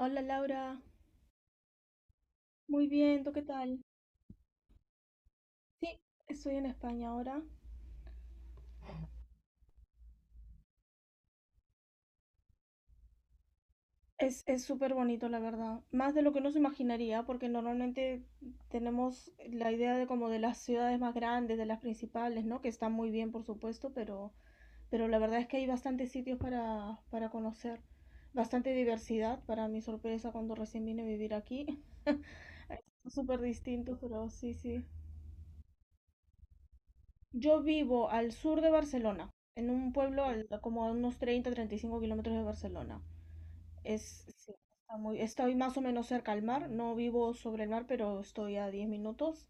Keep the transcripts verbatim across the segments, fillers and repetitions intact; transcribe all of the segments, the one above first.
Hola Laura, muy bien, ¿tú qué tal? Sí, estoy en España ahora. Es, es súper bonito, la verdad. Más de lo que uno se imaginaría, porque normalmente tenemos la idea de como de las ciudades más grandes, de las principales, ¿no? Que están muy bien, por supuesto, pero, pero la verdad es que hay bastantes sitios para, para conocer. Bastante diversidad, para mi sorpresa, cuando recién vine a vivir aquí. Es súper distinto, pero sí, sí. Yo vivo al sur de Barcelona, en un pueblo al- como a unos treinta treinta y cinco kilómetros de Barcelona. Es, sí, está muy, estoy más o menos cerca al mar, no vivo sobre el mar, pero estoy a diez minutos.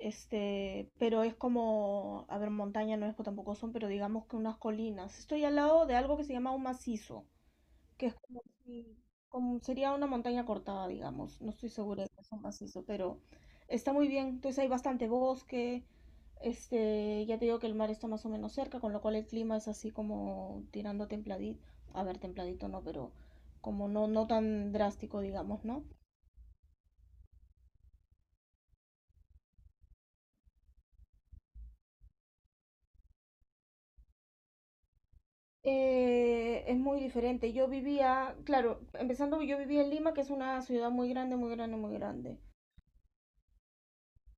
Este, pero es como, a ver, montaña no es tampoco son, pero digamos que unas colinas. Estoy al lado de algo que se llama un macizo que es como si, como sería una montaña cortada, digamos. No estoy segura de que sea un macizo, pero está muy bien. Entonces hay bastante bosque. Este, ya te digo que el mar está más o menos cerca, con lo cual el clima es así como tirando templadito. A ver, templadito no, pero como no, no tan drástico, digamos, ¿no? Eh, es muy diferente. Yo vivía, claro, empezando, yo vivía en Lima, que es una ciudad muy grande, muy grande, muy grande.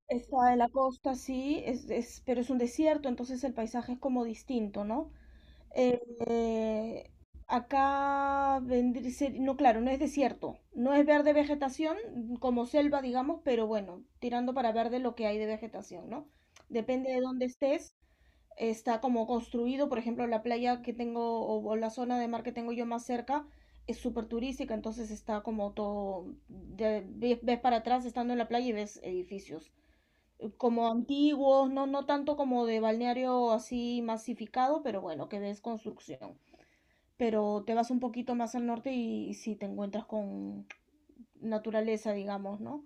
Está en la costa, sí, es, es- pero es un desierto, entonces el paisaje es como distinto, ¿no? Eh, eh, acá vendría, ser- no, claro, no es desierto, no es verde vegetación, como selva, digamos, pero bueno, tirando para verde lo que hay de vegetación, ¿no? Depende de dónde estés, está como construido, por ejemplo, la playa que tengo o, o la zona de mar que tengo yo más cerca es súper turística, entonces está como todo, de- ves ves para atrás estando en la playa y ves edificios como antiguos, no, no tanto como de balneario así masificado, pero bueno, que ves construcción. Pero te vas un poquito más al norte y, y sí te encuentras con naturaleza, digamos, ¿no?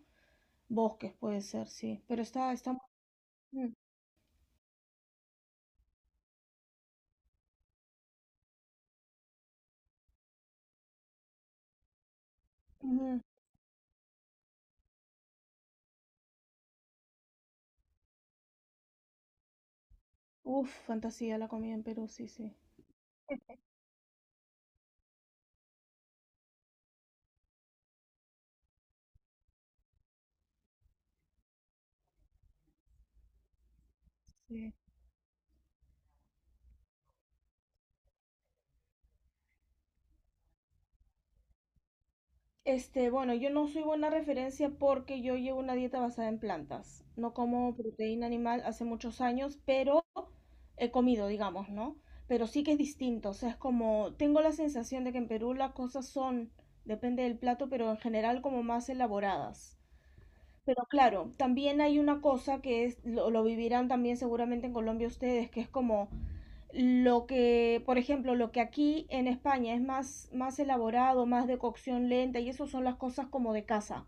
Bosques puede ser, sí. Pero está, está muy... mm, ujú. Uf, fantasía la comida en Perú, sí, sí. Sí. Este, bueno, yo no soy buena referencia porque yo llevo una dieta basada en plantas. No como proteína animal hace muchos años, pero he comido, digamos, ¿no? Pero sí que es distinto, o sea, es como, tengo la sensación de que en Perú las cosas son, depende del plato, pero en general como más elaboradas. Pero claro, también hay una cosa que es, lo, lo vivirán también seguramente en Colombia ustedes, que es como lo que, por ejemplo, lo que aquí en España es más, más elaborado, más de cocción lenta, y eso son las cosas como de casa,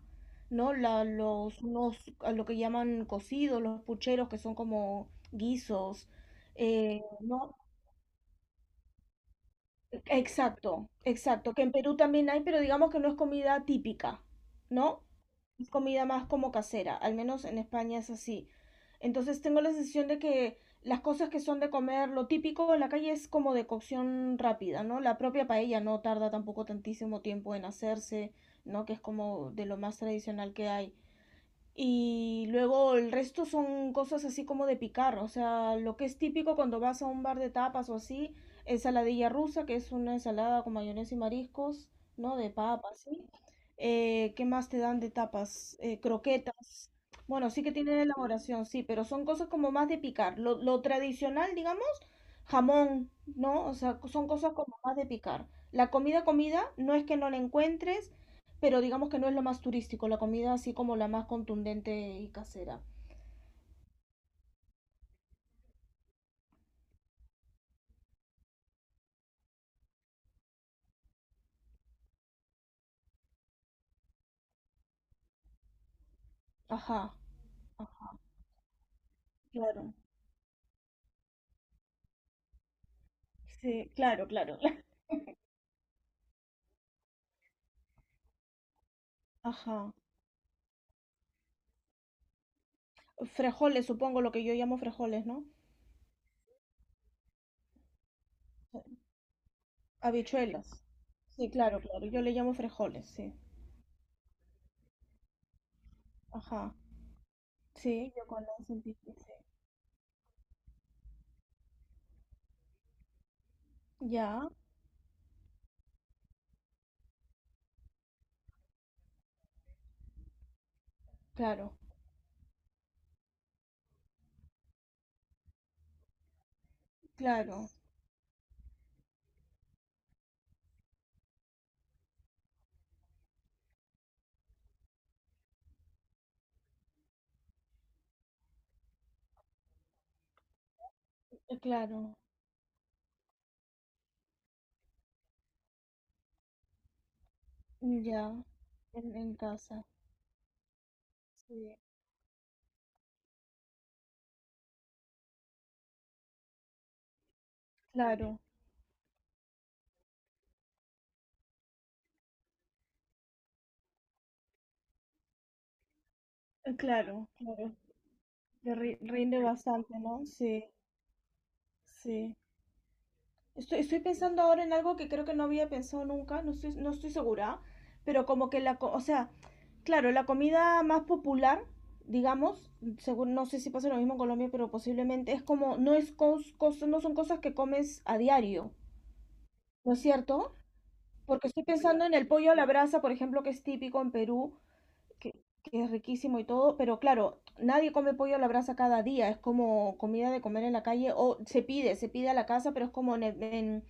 ¿no? La- los, unos, a lo que llaman cocidos, los pucheros, que son como guisos, eh, ¿no? Exacto, exacto. Que en Perú también hay, pero digamos que no es comida típica, ¿no? Es comida más como casera, al menos en España es así. Entonces tengo la sensación de que las cosas que son de comer, lo típico en la calle es como de cocción rápida, ¿no? La propia paella no tarda tampoco tantísimo tiempo en hacerse, ¿no? Que es como de lo más tradicional que hay. Y luego el resto son cosas así como de picar, o sea, lo que es típico cuando vas a un bar de tapas o así, ensaladilla rusa, que es una ensalada con mayonesa y mariscos, ¿no? De papas, ¿sí? Eh, ¿qué más te dan de tapas? Eh, croquetas. Bueno, sí que tienen elaboración, sí, pero son cosas como más de picar. Lo, lo tradicional, digamos, jamón, ¿no? O sea, son cosas como más de picar. La comida, comida, no es que no la encuentres, pero digamos que no es lo más turístico, la comida así como la más contundente y casera. Ajá, ajá, claro. Sí, claro, claro. Ajá. Frejoles, supongo lo que yo llamo frejoles, ¿no? Habichuelas. Sí, claro, claro. Yo le llamo frejoles, sí. Ajá. Sí, yo con las lentejas, sí. Ya, claro, claro, eh, claro. Ya, en, en casa. Sí, claro, eh, claro, claro. Te ri- rinde bastante, ¿no? Sí, sí. Estoy, estoy pensando ahora en algo que creo que no había pensado nunca, no estoy, no estoy segura, pero como que la, co- o sea, claro, la comida más popular, digamos, según, no sé si pasa lo mismo en Colombia, pero posiblemente es como, no es cos- cos- no son cosas que comes a diario, ¿no es cierto? Porque estoy pensando en el pollo a la brasa, por ejemplo, que es típico en Perú, que, que es riquísimo y todo, pero claro, nadie come pollo a la brasa cada día, es como comida de comer en la calle, o se pide, se pide a la casa, pero es como en, en-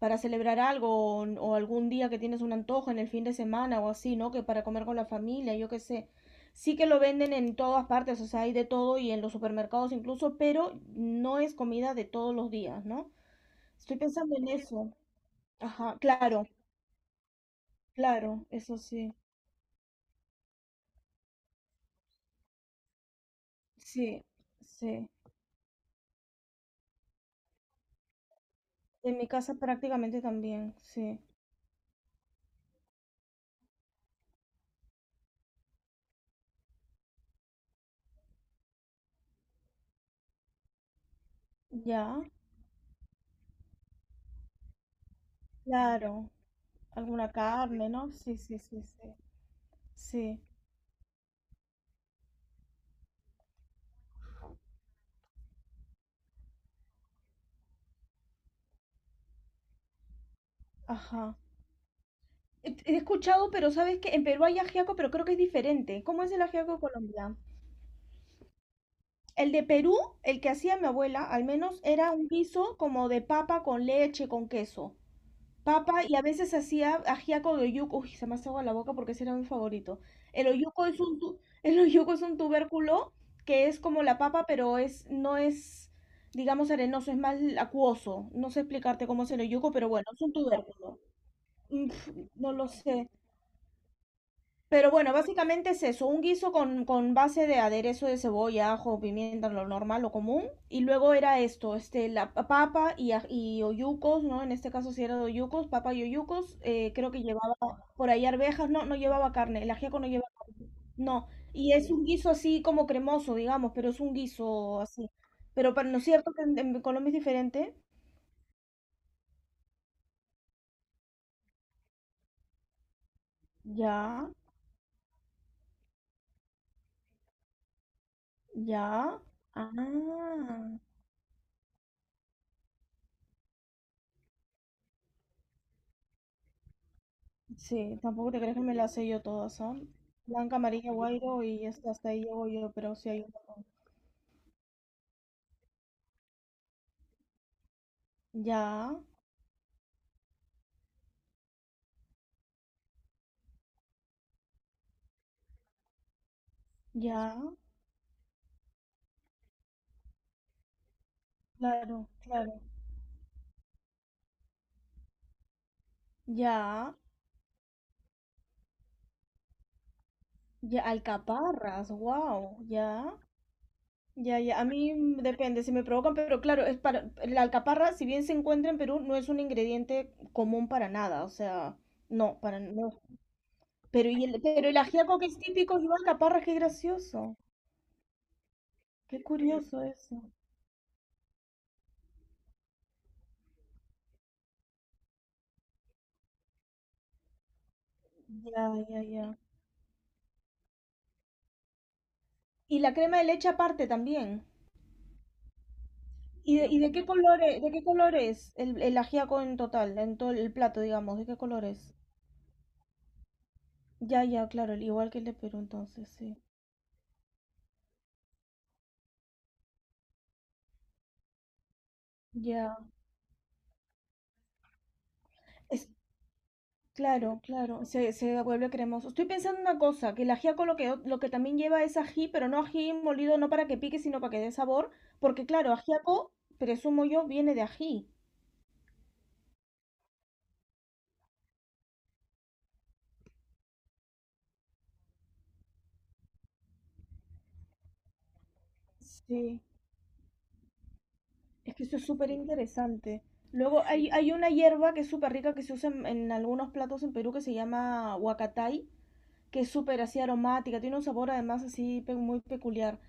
para celebrar algo o, o algún día que tienes un antojo en el fin de semana o así, ¿no? Que para comer con la familia, yo qué sé. Sí que lo venden en todas partes, o sea, hay de todo y en los supermercados incluso, pero no es comida de todos los días, ¿no? Estoy pensando en eso. Ajá, claro, claro, eso sí, sí, sí. En mi casa prácticamente también, sí. Ya, claro. Alguna carne, ¿no? Sí, sí, sí, sí. Sí, ajá. He he escuchado, pero sabes que en Perú hay ajiaco, pero creo que es diferente. ¿Cómo es el ajiaco colombiano? El de Perú, el que hacía mi abuela, al menos era un guiso como de papa con leche, con queso. Papa y a veces hacía ajiaco de oyuco. Uy, se me hace agua la boca porque ese era mi favorito. El oyuco es un tu- El oyuco es un tubérculo que es como la papa, pero es no es digamos arenoso, es más acuoso. No sé explicarte cómo es el oyuco, pero bueno, es un tubérculo. Mm, pf, no lo sé. Pero bueno, básicamente es eso, un guiso con, con base de aderezo de cebolla, ajo, pimienta, lo normal, lo común. Y luego era esto, este, la pa- papa y, aj- y oyucos, ¿no? En este caso sí era de oyucos, papa y oyucos. Eh, creo que llevaba por ahí arvejas, no, no llevaba carne, el ajiaco no llevaba, no. Y es un guiso así como cremoso, digamos, pero es un guiso así. Pero para, ¿no es cierto que en, en Colombia es diferente? Ya, ya. Ah. Sí, tampoco te crees que me las sé yo todas, ¿sabes? Blanca, amarilla, guairo y hasta, hasta ahí llego yo, pero sí hay un montón. Ya, ya, claro, claro. Ya, ya, alcaparras, wow, ya, ya, ya. A mí mm, depende si me provocan, pero claro, es para la alcaparra, si bien se encuentra en Perú, no es un ingrediente común para nada, o sea, no, para no. Pero y el, pero el ajiaco que es típico, yo alcaparra, qué gracioso, qué curioso eso. Ya, ya, ya. Y la crema de leche aparte también. ¿Y de, y de qué color es, de qué color es el, el ajiaco en total, en todo el plato, digamos? ¿De qué color es? Ya, ya, claro, el- igual que el de Perú entonces, sí. Ya. Es, claro, claro, se, se vuelve cremoso. Estoy pensando una cosa, que el ajiaco lo que, lo que también lleva es ají, pero no ají molido, no para que pique, sino para que dé sabor, porque claro, ajiaco, presumo yo, viene de ají. Sí. Es que eso es súper interesante. Luego hay, hay una hierba que es súper rica que se usa en, en algunos platos en Perú que se llama huacatay, que es súper así aromática, tiene un sabor además así pe- muy peculiar,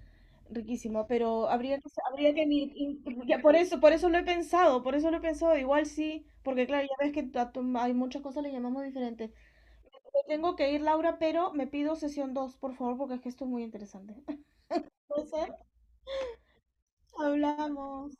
riquísimo, pero habría que, habría que ni- in- ya por eso, por eso lo he pensado, por eso lo he pensado, igual sí, porque claro, ya ves que a tu- hay muchas cosas le llamamos diferentes. Me tengo que ir, Laura, pero me pido sesión dos por favor, porque es que esto es muy interesante. Entonces, hablamos.